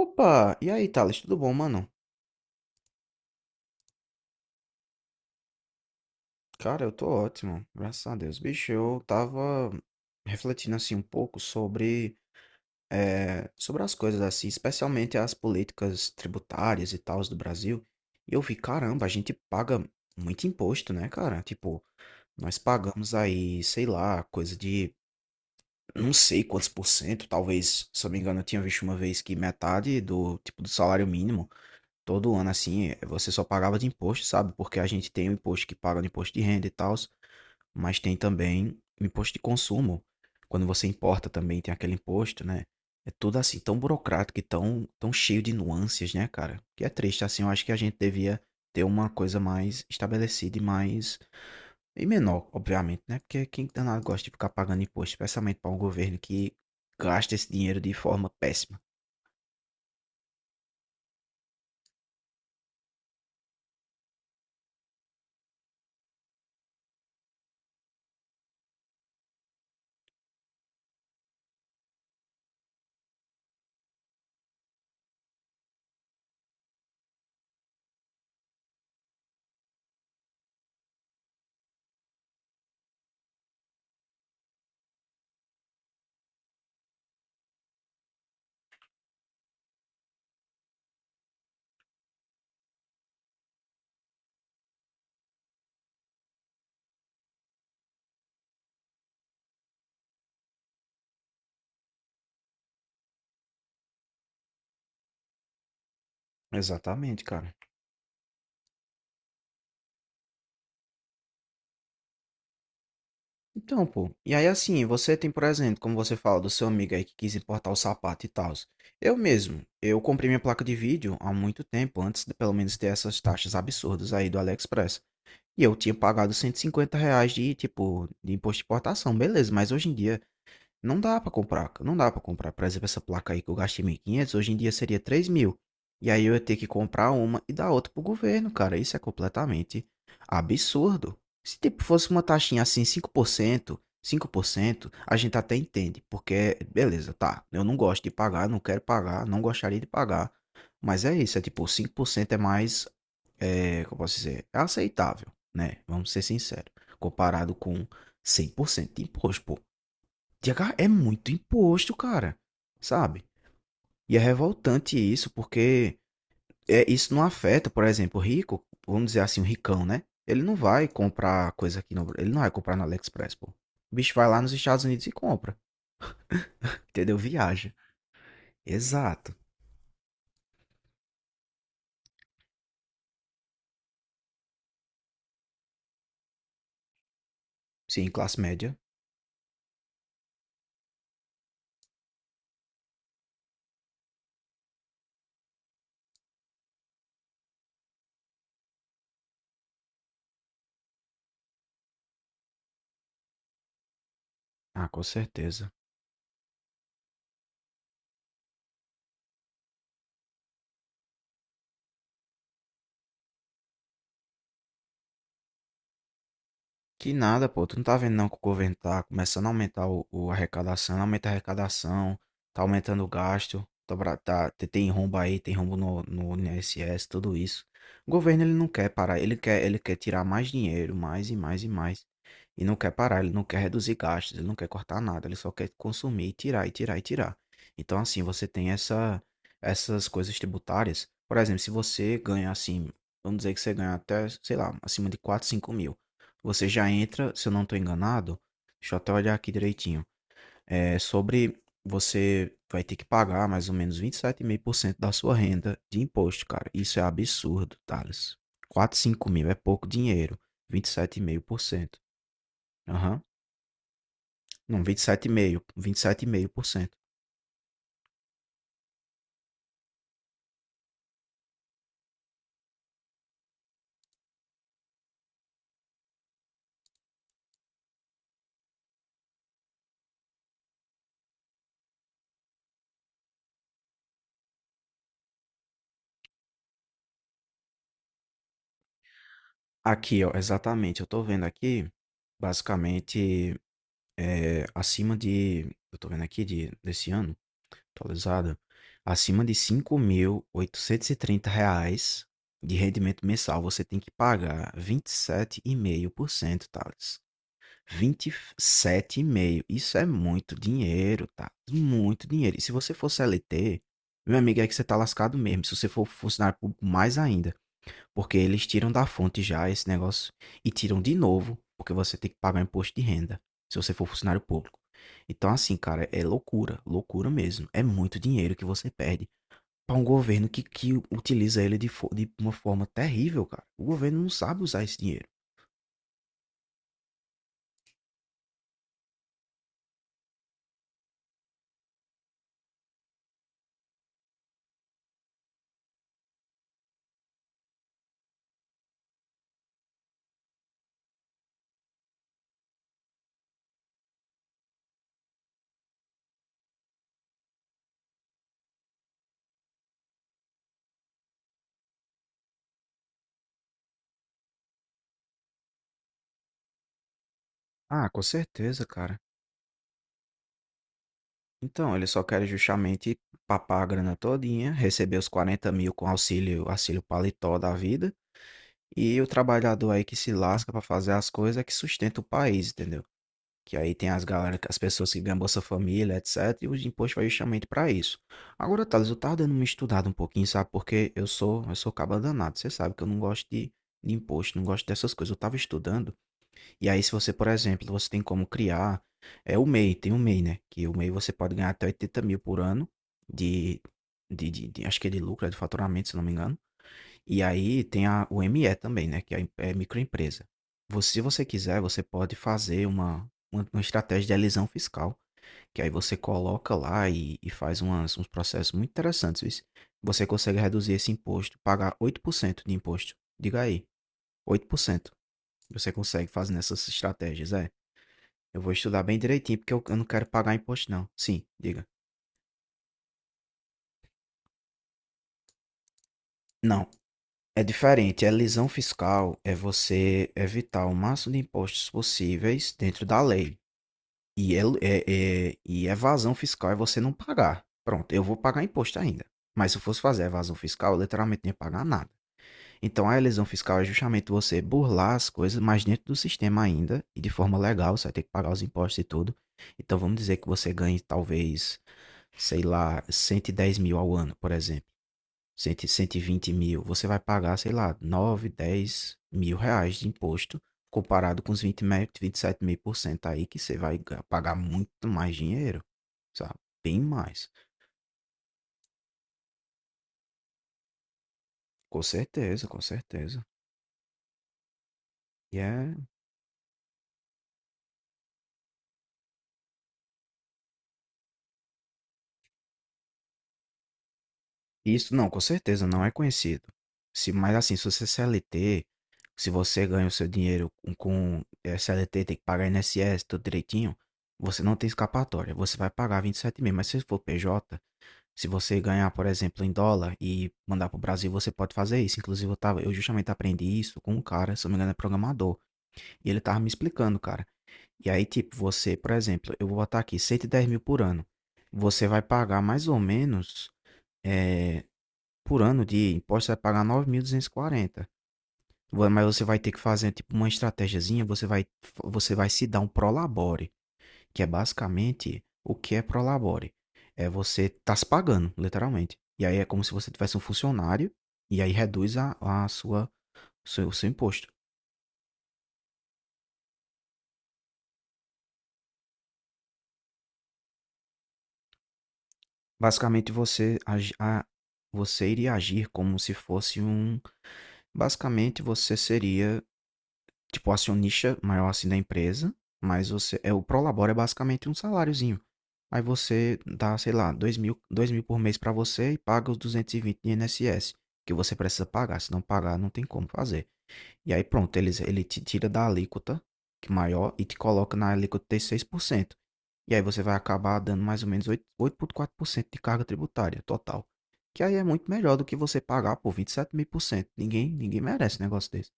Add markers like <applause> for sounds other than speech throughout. Opa! E aí, Thales, tudo bom, mano? Cara, eu tô ótimo, graças a Deus. Bicho, eu tava refletindo assim um pouco sobre as coisas assim, especialmente as políticas tributárias e tals do Brasil. E eu vi, caramba, a gente paga muito imposto, né, cara? Tipo, nós pagamos aí, sei lá, coisa de não sei quantos por cento, talvez, se eu não me engano, eu tinha visto uma vez que metade do, tipo, do salário mínimo todo ano assim, você só pagava de imposto, sabe? Porque a gente tem o imposto que paga no imposto de renda e tal, mas tem também o imposto de consumo. Quando você importa também tem aquele imposto, né? É tudo assim, tão burocrático e tão cheio de nuances, né, cara? Que é triste, assim, eu acho que a gente devia ter uma coisa mais estabelecida e mais e menor, obviamente, né? Porque quem danado gosta de ficar pagando imposto, especialmente para um governo que gasta esse dinheiro de forma péssima. Exatamente, cara. Então, pô, e aí assim, você tem, por exemplo, como você fala do seu amigo aí que quis importar o sapato e tal. Eu mesmo, eu comprei minha placa de vídeo há muito tempo, antes de pelo menos ter essas taxas absurdas aí do AliExpress. E eu tinha pagado R$ 150 de, tipo, de imposto de importação, beleza, mas hoje em dia não dá pra comprar, não dá pra comprar. Por exemplo, essa placa aí que eu gastei 1.500 hoje em dia seria três mil. E aí eu ia ter que comprar uma e dar outra pro governo, cara. Isso é completamente absurdo. Se tipo fosse uma taxinha assim, cinco por cento a gente até entende, porque beleza, tá. Eu não gosto de pagar, não quero pagar, não gostaria de pagar. Mas é isso, é tipo, 5% é mais, é, como eu posso dizer, é aceitável, né? Vamos ser sinceros, comparado com 100% de imposto, pô, é muito imposto, cara. Sabe? E é revoltante isso, porque é, isso não afeta, por exemplo, o rico, vamos dizer assim, o ricão, né? Ele não vai comprar coisa aqui no, ele não vai comprar no AliExpress, pô. O bicho vai lá nos Estados Unidos e compra, entendeu? Viaja. Exato. Sim, classe média. Ah, com certeza. Que nada, pô. Tu não tá vendo não que o governo tá começando a aumentar o arrecadação, aumenta a arrecadação, tá aumentando o gasto, tem rombo aí, tem rombo no INSS, tudo isso. O governo ele não quer parar, ele quer tirar mais dinheiro, mais e mais e mais. E não quer parar, ele não quer reduzir gastos, ele não quer cortar nada, ele só quer consumir e tirar e tirar e tirar. Então assim, você tem essas coisas tributárias. Por exemplo, se você ganha assim, vamos dizer que você ganha até, sei lá, acima de 4 5 mil. Você já entra, se eu não estou enganado, deixa eu até olhar aqui direitinho. É sobre você vai ter que pagar mais ou menos 27,5% da sua renda de imposto, cara. Isso é absurdo, Thales. 4, 5 mil é pouco dinheiro. 27,5%. Aham. Não, 27,5%. 27,5%. Aqui, ó, exatamente. Eu tô vendo aqui, basicamente, acima de. Eu tô vendo aqui de, desse ano. Atualizado. Acima de R$ 5.830 de rendimento mensal, você tem que pagar 27,5%, Thales. 27,5%. Isso é muito dinheiro, tá? Muito dinheiro. E se você for CLT, meu amigo, é que você tá lascado mesmo. Se você for funcionário público, mais ainda. Porque eles tiram da fonte já esse negócio e tiram de novo, porque você tem que pagar imposto de renda se você for funcionário público. Então, assim, cara, é loucura, loucura mesmo. É muito dinheiro que você perde para um governo que utiliza ele de, de uma forma terrível, cara. O governo não sabe usar esse dinheiro. Ah, com certeza, cara. Então, eles só querem justamente papar a grana todinha, receber os 40.000 com auxílio, auxílio paletó da vida, e o trabalhador aí que se lasca para fazer as coisas é que sustenta o país, entendeu? Que aí tem as galera, as pessoas que ganham Bolsa Família, etc. E o imposto vai justamente para isso. Agora, Thales, eu tava dando uma estudada um pouquinho, sabe? Porque eu sou caba danado. Você sabe que eu não gosto de imposto, não gosto dessas coisas. Eu tava estudando. E aí, se você, por exemplo, você tem como criar. É o MEI, tem o MEI, né? Que o MEI você pode ganhar até 80.000 por ano de, acho que é de lucro, é de faturamento, se não me engano. E aí tem o ME também, né? Que é, é microempresa. Você- Se você quiser, você pode fazer uma estratégia de elisão fiscal, que aí você coloca lá e faz uns processos muito interessantes, viu? Você consegue reduzir esse imposto, pagar 8% de imposto. Diga aí, 8%. Você consegue fazer nessas estratégias, é. Eu vou estudar bem direitinho, porque eu não quero pagar imposto, não. Sim, diga. Não, é diferente. A elisão fiscal é você evitar o máximo de impostos possíveis dentro da lei. E é, é, e evasão fiscal é você não pagar. Pronto, eu vou pagar imposto ainda. Mas se eu fosse fazer evasão fiscal, eu literalmente não ia pagar nada. Então a elisão fiscal é justamente você burlar as coisas, mas dentro do sistema ainda, e de forma legal, você vai ter que pagar os impostos e tudo. Então vamos dizer que você ganhe talvez, sei lá, 110.000 ao ano, por exemplo, cem, 120.000, você vai pagar, sei lá, 9 10 mil reais de imposto, comparado com os 20, 27 mil por cento aí, que você vai pagar muito mais dinheiro, sabe? Bem mais. Com certeza, com certeza. E é... Isso, não, com certeza, não é conhecido. Se, mas assim, se você é CLT, se você ganha o seu dinheiro com CLT, tem que pagar INSS, tudo direitinho, você não tem escapatória, você vai pagar 27.000, mas se for PJ. Se você ganhar, por exemplo, em dólar e mandar para o Brasil, você pode fazer isso. Inclusive, eu tava, eu justamente aprendi isso com um cara, se eu não me engano, é programador. E ele tava me explicando, cara. E aí, tipo, você, por exemplo, eu vou botar aqui 110.000 por ano. Você vai pagar mais ou menos, eh, por ano de imposto, você vai pagar 9.240. Mas você vai ter que fazer, tipo, uma estratégiazinha. Você vai se dar um prolabore, que é basicamente o que é prolabore. É você tá se pagando, literalmente. E aí é como se você tivesse um funcionário e aí reduz o seu imposto. Basicamente você iria agir como se fosse um, basicamente você seria tipo acionista maior assim da empresa, mas você é o prolabore é basicamente um saláriozinho. Aí você dá, sei lá, dois mil por mês para você e paga os 220 de INSS, que você precisa pagar. Se não pagar, não tem como fazer. E aí pronto, ele te tira da alíquota que é maior e te coloca na alíquota de 6%. E aí você vai acabar dando mais ou menos 8,4% de carga tributária total. Que aí é muito melhor do que você pagar por 27.000 por cento. Ninguém, ninguém merece um negócio desse.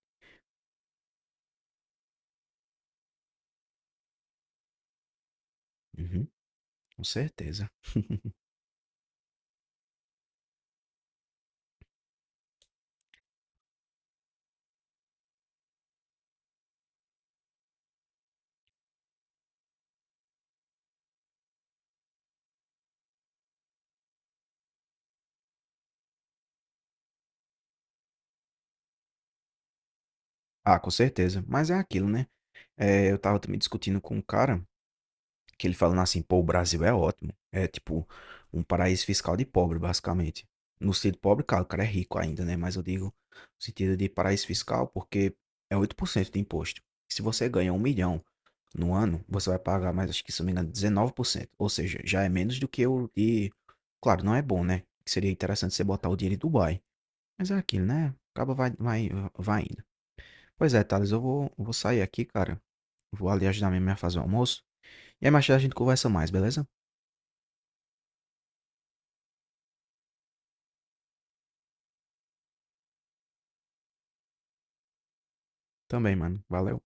Uhum, com certeza. <laughs> Ah, com certeza. Mas é aquilo, né? É, eu tava também discutindo com um cara que ele falando assim, pô, o Brasil é ótimo. É tipo um paraíso fiscal de pobre, basicamente. No sentido pobre, claro, o cara é rico ainda, né? Mas eu digo no sentido de paraíso fiscal, porque é 8% de imposto. Se você ganha um milhão no ano, você vai pagar mais, acho que se não me engano, 19%. Ou seja, já é menos do que o de. Claro, não é bom, né? Que seria interessante você botar o dinheiro em Dubai. Mas é aquilo, né? Acaba vai indo. Pois é, Thales, eu vou sair aqui, cara. Vou ali ajudar minha mãe a fazer o almoço. E aí mais tarde a gente conversa mais, beleza? Também, mano. Valeu.